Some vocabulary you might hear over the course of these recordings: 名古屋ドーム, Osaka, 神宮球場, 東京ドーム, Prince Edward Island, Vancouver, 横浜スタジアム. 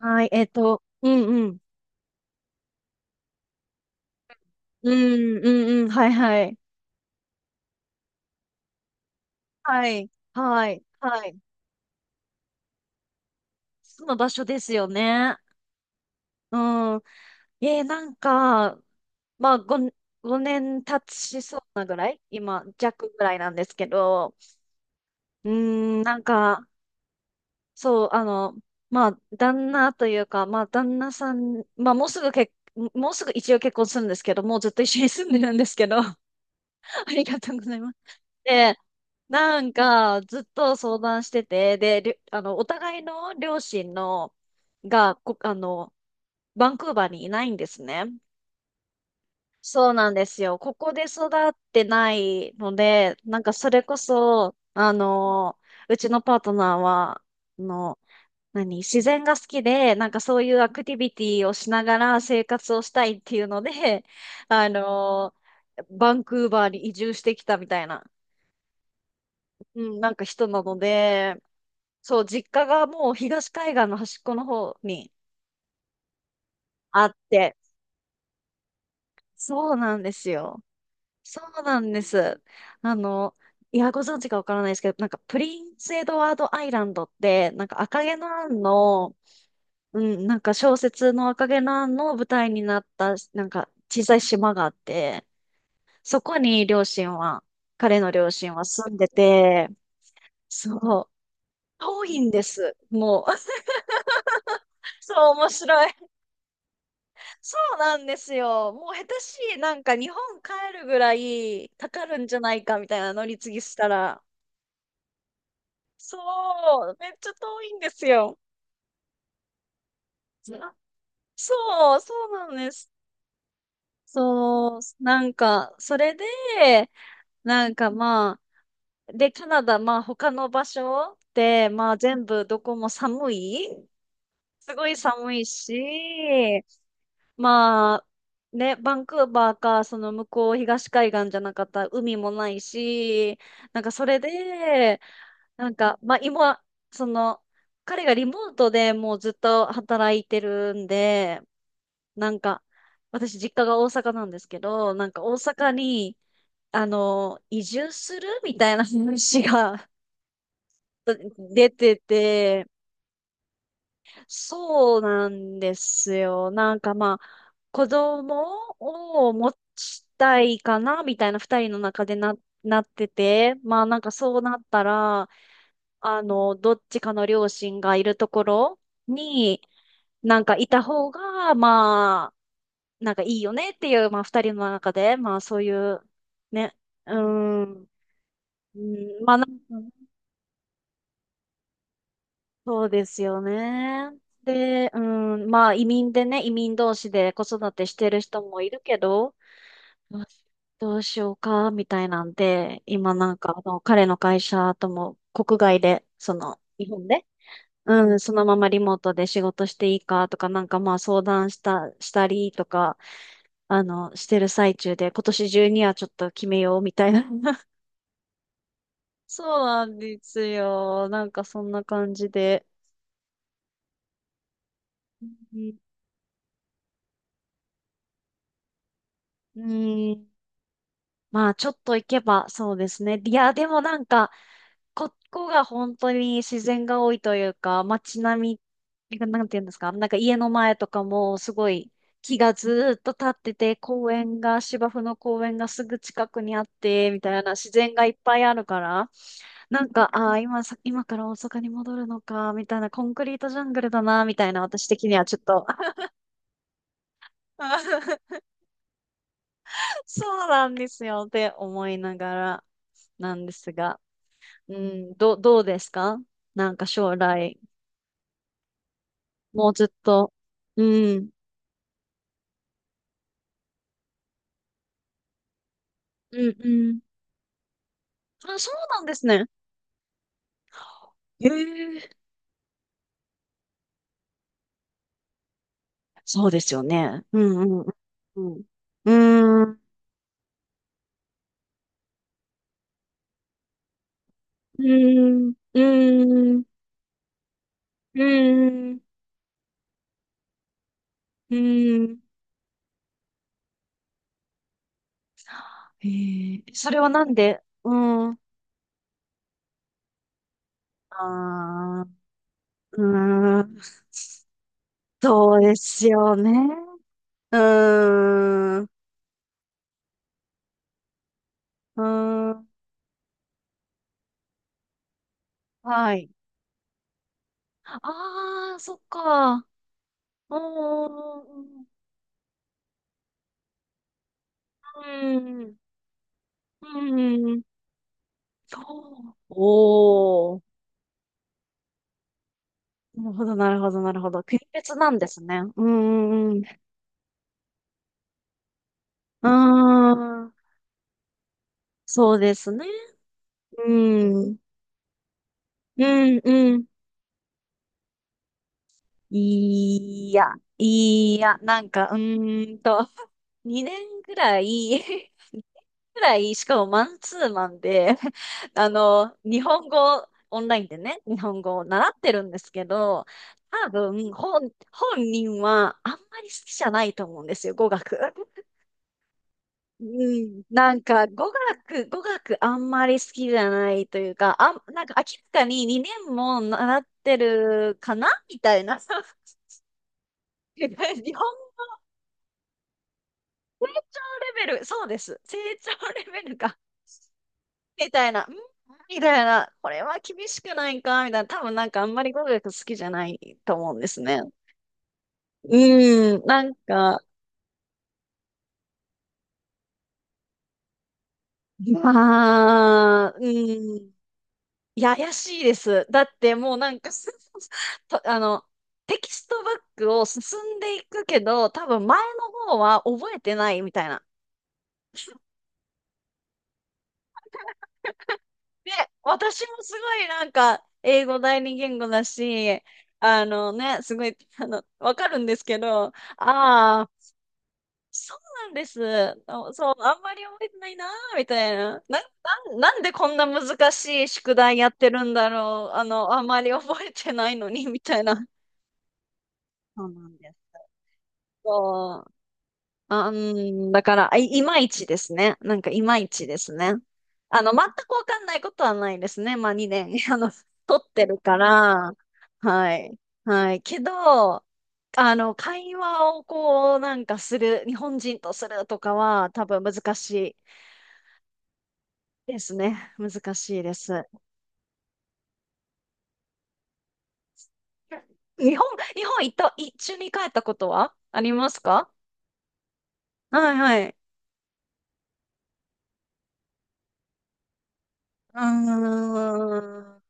はい、うんうん。うんうんうん。はいはい。はい。はい。はい。その場所ですよね。うん。なんか、まあ、5年経ちそうなぐらい今、弱ぐらいなんですけど、うーなんか、そう、まあ、旦那というか、まあ、旦那さん、まあ、もうすぐ一応結婚するんですけど、もうずっと一緒に住んでるんですけど、ありがとうございます。で、なんか、ずっと相談してて、で、りゅあの、お互いの両親の、が、こ、あの、バンクーバーにいないんですね。そうなんですよ。ここで育ってないので、なんかそれこそ、うちのパートナーは、あの、自然が好きで、なんかそういうアクティビティをしながら生活をしたいっていうので、あの、バンクーバーに移住してきたみたいな、うん、なんか人なので、そう、実家がもう東海岸の端っこの方にあって、そうなんですよ。そうなんです。あの、いや、ご存知かわからないですけど、なんかプリンスエドワードアイランドって、なんか赤毛のアンの、うん、なんか小説の赤毛のアンの舞台になった、なんか小さい島があって、そこに両親は、彼の両親は住んでて、そう、遠いんです。もう、そう、面白い。そうなんですよ。もう下手しい、なんか日本帰るぐらいかかるんじゃないかみたいな乗り継ぎしたら。そう、めっちゃ遠いんですよ。あ、そう、そうなんです。そう、なんか、それで、なんかまあ、で、カナダ、まあ他の場所って、まあ全部どこも寒い、すごい寒いし、まあ、ね、バンクーバーか、その向こう東海岸じゃなかったら海もないし、なんかそれで、なんか、まあ今、その、彼がリモートでもうずっと働いてるんで、なんか、私実家が大阪なんですけど、なんか大阪に、移住するみたいな話が 出てて、そうなんですよ。なんかまあ、子供を持ちたいかな、みたいな二人の中でなってて、まあなんかそうなったら、どっちかの両親がいるところに、なんかいた方が、まあ、なんかいいよねっていう、まあ二人の中で、まあそういう、ね、うーん、うん、まあなんかそうですよね。で、うん、まあ移民でね、移民同士で子育てしてる人もいるけど、どうしどうしようか、みたいなんで、今なんか彼の会社とも国外で、その日本で、うん、そのままリモートで仕事していいかとか、なんかまあ相談した、したりとか、してる最中で、今年中にはちょっと決めようみたいな。そうなんですよ。なんかそんな感じで。うん。うん、まあ、ちょっと行けば、そうですね。いや、でもなんか、ここが本当に自然が多いというか、街並みが、なんていうんですか、なんか家の前とかもすごい木がずーっと立ってて、公園が、芝生の公園がすぐ近くにあって、みたいな自然がいっぱいあるから、なんか、ああ、今から大阪に戻るのか、みたいな、コンクリートジャングルだな、みたいな、私的にはちょっと そうなんですよって思いながらなんですが。うん、どうですか、なんか将来、もうずっと。うん、うん、うん。あ、そうなんですね。へえ、そうですよね。うん、うん、うん。うん、うん、うん、うん、うん。へえ、それはなんで？うん。ああ、うーん。そうですよね。うーん、うーん。はい。ああ、そっか。おー、うん、うん、そう、おー、なるほど、なるほど、なるほど。国別なんですね。うん、うん、うん、あー、そうですね。うん、うん、うん。いや、いや、なんか、2年ぐらい、ぐらい、しかもマンツーマンで、日本語、オンラインでね、日本語を習ってるんですけど、多分、本人はあんまり好きじゃないと思うんですよ、語学。うん、なんか、語学あんまり好きじゃないというか、なんか明らかに2年も習ってるかなみたいな。日本、成長レベル、そうです。成長レベルがみたいな、みたいな、これは厳しくないかみたいな、多分なんかあんまり語学好きじゃないと思うんですね。うん、なんか、まあ、うん、いや、怪しいです。だってもうなんかす と、テキストバックを進んでいくけど、多分前の方は覚えてないみたいな。で、私もすごいなんか、英語第二言語だし、あのね、すごい、わかるんですけど、ああ、そうなんです。あ、そう、あんまり覚えてないなー、みたいな。なんでこんな難しい宿題やってるんだろう。あんまり覚えてないのに、みたいな。そうなんです。そう。あ、うん、だから、いまいちですね。なんか、いまいちですね。全くわかんないことはないですね。まあ、2年、取ってるから。はい。はい。けど、会話をこう、なんかする、日本人とするとかは、多分難しい。ですね。難しいです。日本、日本行った、一緒に帰ったことはありますか？はいはい。うーん。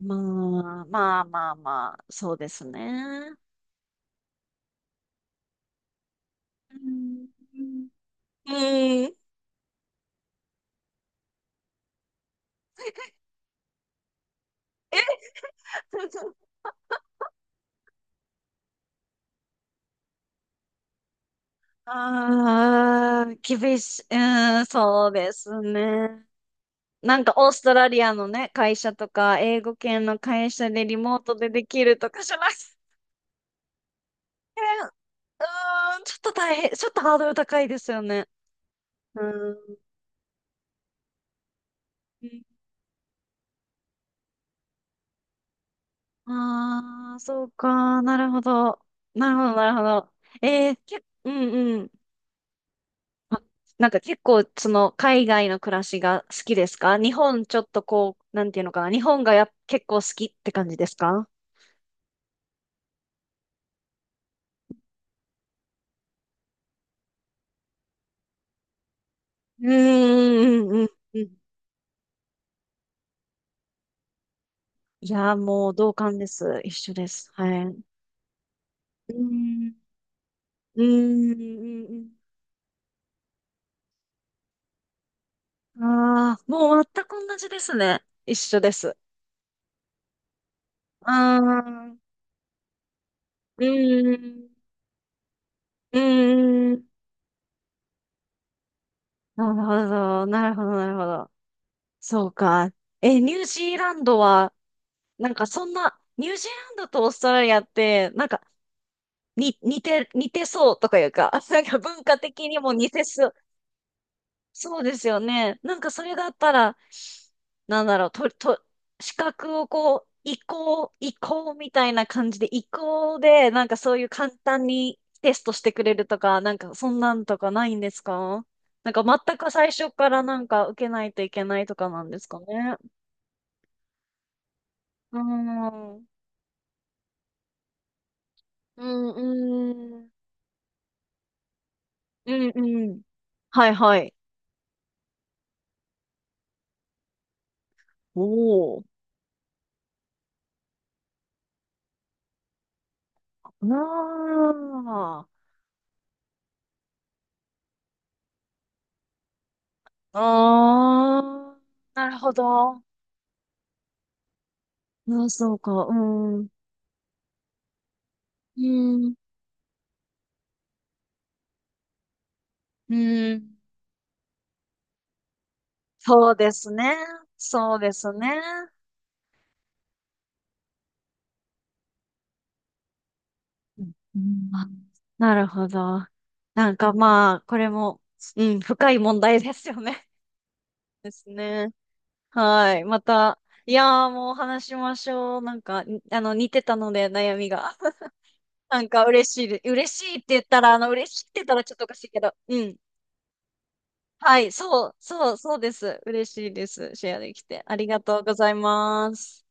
まあ、まあまあまあ、そうですね。うん。うん。ああ、厳しい。うーん、そうですね。なんかオーストラリアのね、会社とか、英語圏の会社でリモートでできるとかじゃなくて、うーん、ちょっと大変、ちょっとハードル高いですよね。うん。ああ、そうか。なるほど。なるほど、なるほど。うんうん。あ、なんか結構、その、海外の暮らしが好きですか？日本ちょっとこう、なんていうのかな。日本が結構好きって感じですか？うん、うん、うん、うん。いやー、もう同感です。一緒です。はい。うん、うん、うん。ああー、もう全く同じですね。一緒です。ああ、うん、うん、なるほど、なるほど、なるほど。そうか。え、ニュージーランドは、なんかそんな、ニュージーランドとオーストラリアって、なんか、に、似て、似てそうとかいうか、なんか文化的にも似てそう、そうですよね。なんかそれがあったら、なんだろう、資格をこう、移行、移行みたいな感じで、移行で、なんかそういう簡単にテストしてくれるとか、なんかそんなんとかないんですか？なんか全く最初からなんか受けないといけないとかなんですかね。うーん。うん、うん。うん、うん。はい、はい。おー。あー。あー。なるほど。ああ、そうか。うん。うん。うん。そうですね。そうですね。うんうん、あ、なるほど。なんかまあ、これも、うん、深い問題ですよね。ですね。はい。また、いやーもう話しましょう。なんか、に似てたので、悩みが。なんか嬉しいって言ったら、嬉しいって言ったらちょっとおかしいけど、うん。はい、そう、そう、そうです。嬉しいです。シェアできて。ありがとうございます。